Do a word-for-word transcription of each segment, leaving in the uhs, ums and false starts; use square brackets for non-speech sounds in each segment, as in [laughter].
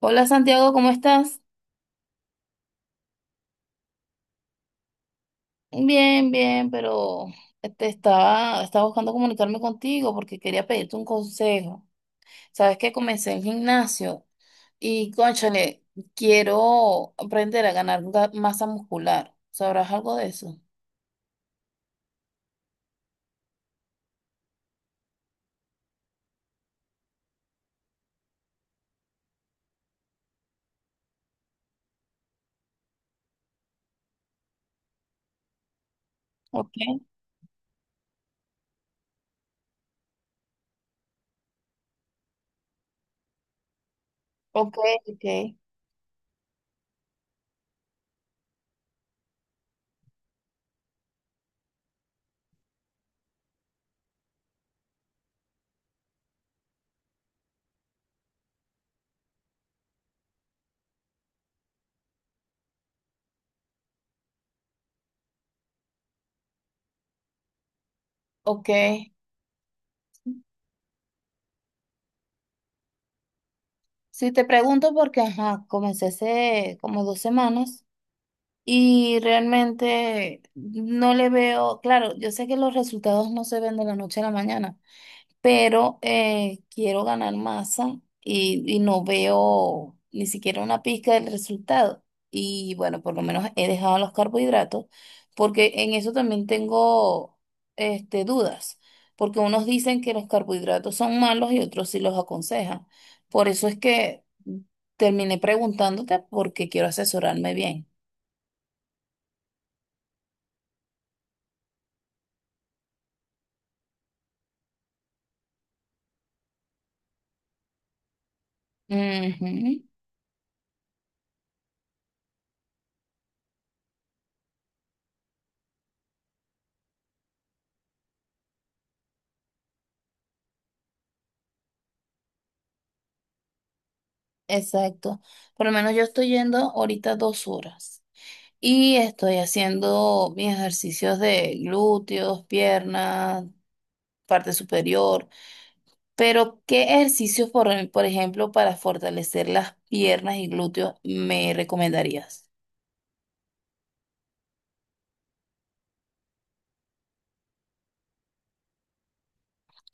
Hola Santiago, ¿cómo estás? Bien, bien, pero te estaba, estaba buscando comunicarme contigo porque quería pedirte un consejo. Sabes que comencé el gimnasio y, cónchale, quiero aprender a ganar ga- masa muscular. ¿Sabrás algo de eso? Ok, ok, ok, ok. Sí, te pregunto porque, ajá, comencé hace como dos semanas y realmente no le veo, claro, yo sé que los resultados no se ven de la noche a la mañana, pero eh, quiero ganar masa y, y no veo ni siquiera una pizca del resultado. Y bueno, por lo menos he dejado los carbohidratos, porque en eso también tengo este, dudas, porque unos dicen que los carbohidratos son malos y otros sí los aconsejan. Por eso es que terminé preguntándote porque quiero asesorarme bien. Ujú. Exacto. Por lo menos yo estoy yendo ahorita dos horas. Y estoy haciendo mis ejercicios de glúteos, piernas, parte superior. Pero, ¿qué ejercicios, por, em, por ejemplo, para fortalecer las piernas y glúteos me recomendarías?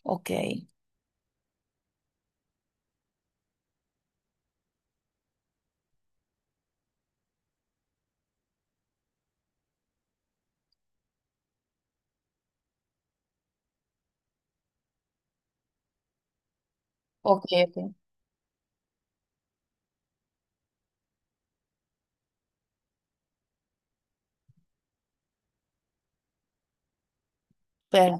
Ok, ok, ok. Pero,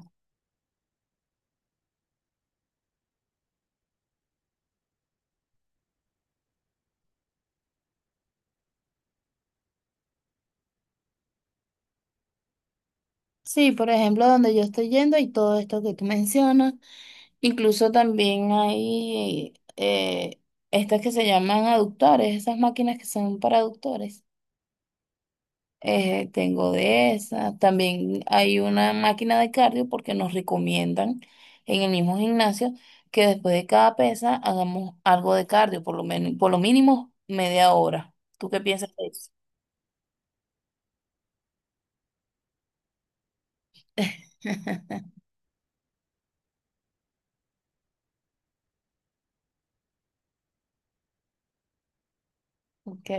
sí, por ejemplo, donde yo estoy yendo y todo esto que tú mencionas, incluso también hay eh, estas que se llaman aductores, esas máquinas que son para aductores. Eh, tengo de esa. También hay una máquina de cardio porque nos recomiendan en el mismo gimnasio que después de cada pesa hagamos algo de cardio, por lo menos, por lo mínimo media hora. ¿Tú qué piensas de eso? [laughs] Ok.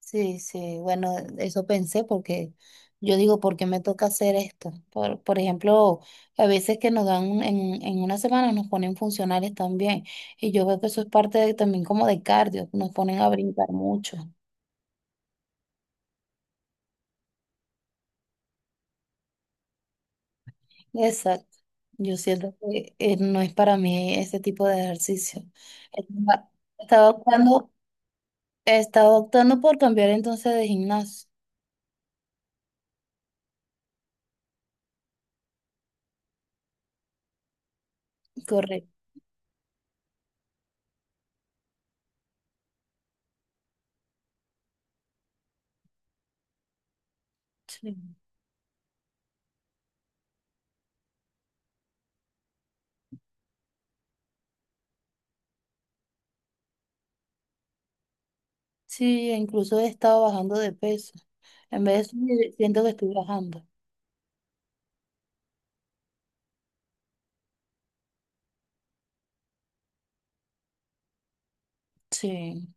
Sí, sí, bueno, eso pensé porque yo digo, ¿por qué me toca hacer esto? Por, por ejemplo, a veces que nos dan un- en, en una semana nos ponen funcionales también y yo veo que eso es parte de- también como de cardio, nos ponen a brincar mucho. Exacto, yo siento que eh, no es para mí ese tipo de ejercicio. Estaba estaba optando, estaba optando por cambiar entonces de gimnasio, correcto. Sí. Sí, e incluso he estado bajando de peso. En vez de subir, siento que estoy bajando. Sí.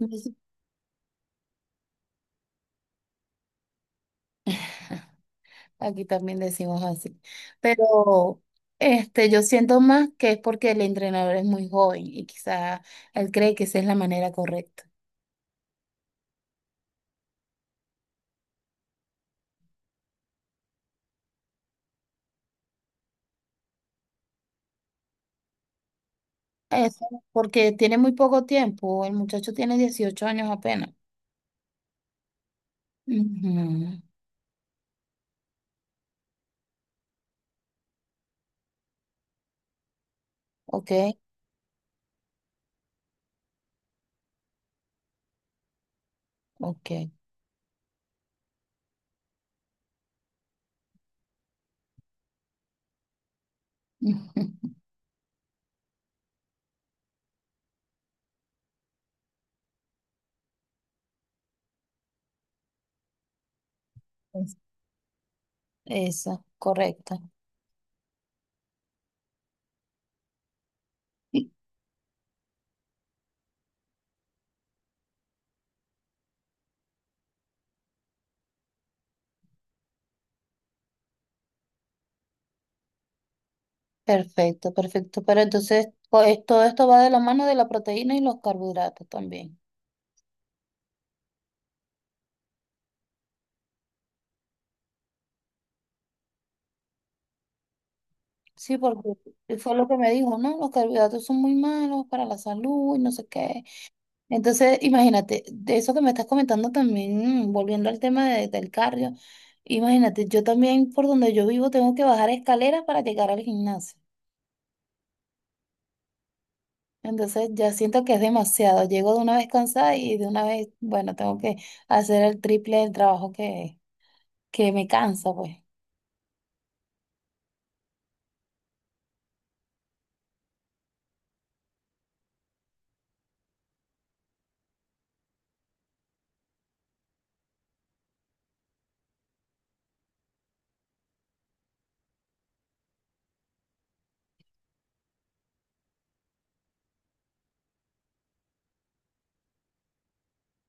No. [laughs] Aquí también decimos así. Pero este, yo siento más que es porque el entrenador es muy joven y quizá él cree que esa es la manera correcta. Eso, porque tiene muy poco tiempo. El muchacho tiene dieciocho años apenas. Ujú. Ok, ok. [laughs] Es- Eso, correcto. Perfecto, perfecto. Pero entonces co- es- todo esto va de la mano de la proteína y los carbohidratos también. Sí, porque fue lo que me dijo, ¿no? Los carbohidratos son muy malos para la salud y no sé qué. Entonces, imagínate, de eso que me estás comentando también, mm, volviendo al tema de- del cardio, imagínate, yo también por donde yo vivo tengo que bajar escaleras para llegar al gimnasio. Entonces ya siento que es demasiado. Llego de una vez cansada y de una vez, bueno, tengo que hacer el triple del trabajo que, que me cansa, pues.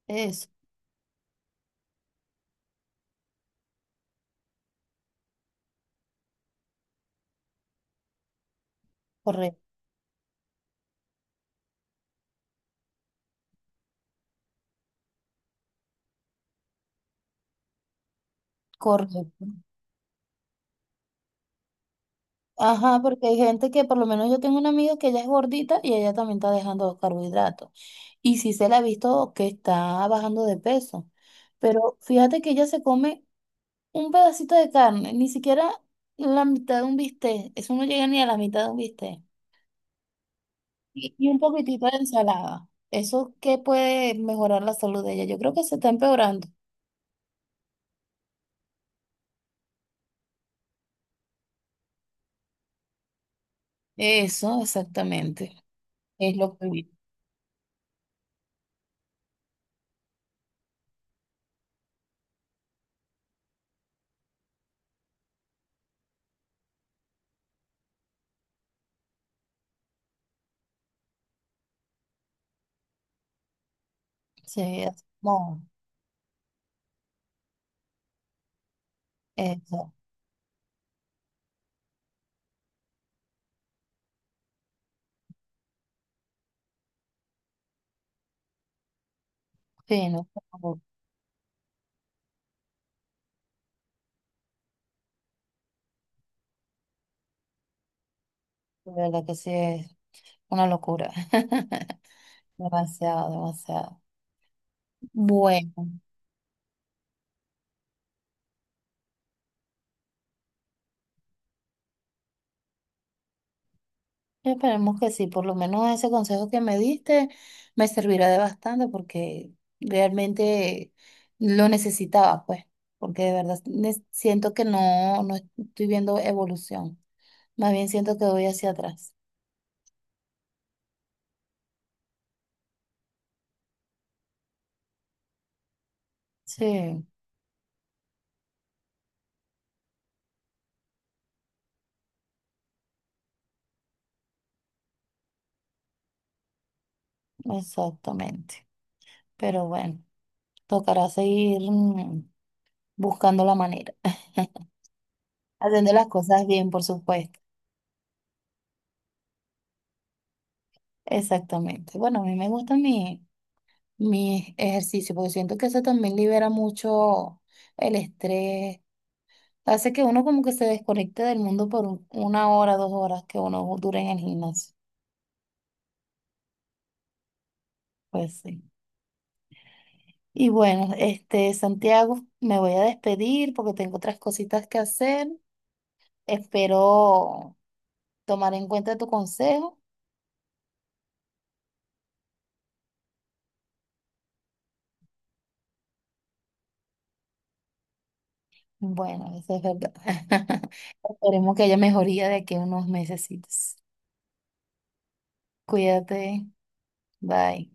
Eso. Correcto, correcto. Ajá, porque hay gente que, por lo menos yo tengo una amiga que ella es gordita y ella también está dejando los carbohidratos. Y sí se la ha visto que está bajando de peso. Pero fíjate que ella se come un pedacito de carne, ni siquiera la mitad de un bistec. Eso no llega ni a la mitad de un bistec. Y, y un poquitito de ensalada. ¿Eso qué puede mejorar la salud de ella? Yo creo que se está empeorando. Eso, exactamente. Es lo que vi. Sí, es como eso. Sí, no. De verdad que sí es una locura. [laughs] Demasiado, demasiado. Bueno, esperemos que sí, por lo menos ese consejo que me diste me servirá de bastante porque realmente lo necesitaba, pues, porque de verdad ne- siento que no, no estoy viendo evolución, más bien siento que voy hacia atrás. Sí, exactamente. Pero bueno, tocará seguir mm, buscando la manera, [laughs] haciendo las cosas bien, por supuesto. Exactamente. Bueno, a mí me gusta mi, mi ejercicio porque siento que eso también libera mucho el estrés. Hace que uno como que se desconecte del mundo por un- una hora, dos horas que uno dure en el gimnasio. Pues sí. Y bueno, este, Santiago, me voy a despedir porque tengo otras cositas que hacer. Espero tomar en cuenta tu consejo. Bueno, eso es verdad. [laughs] Esperemos que haya mejoría de aquí a unos mesecitos. Cuídate. Bye.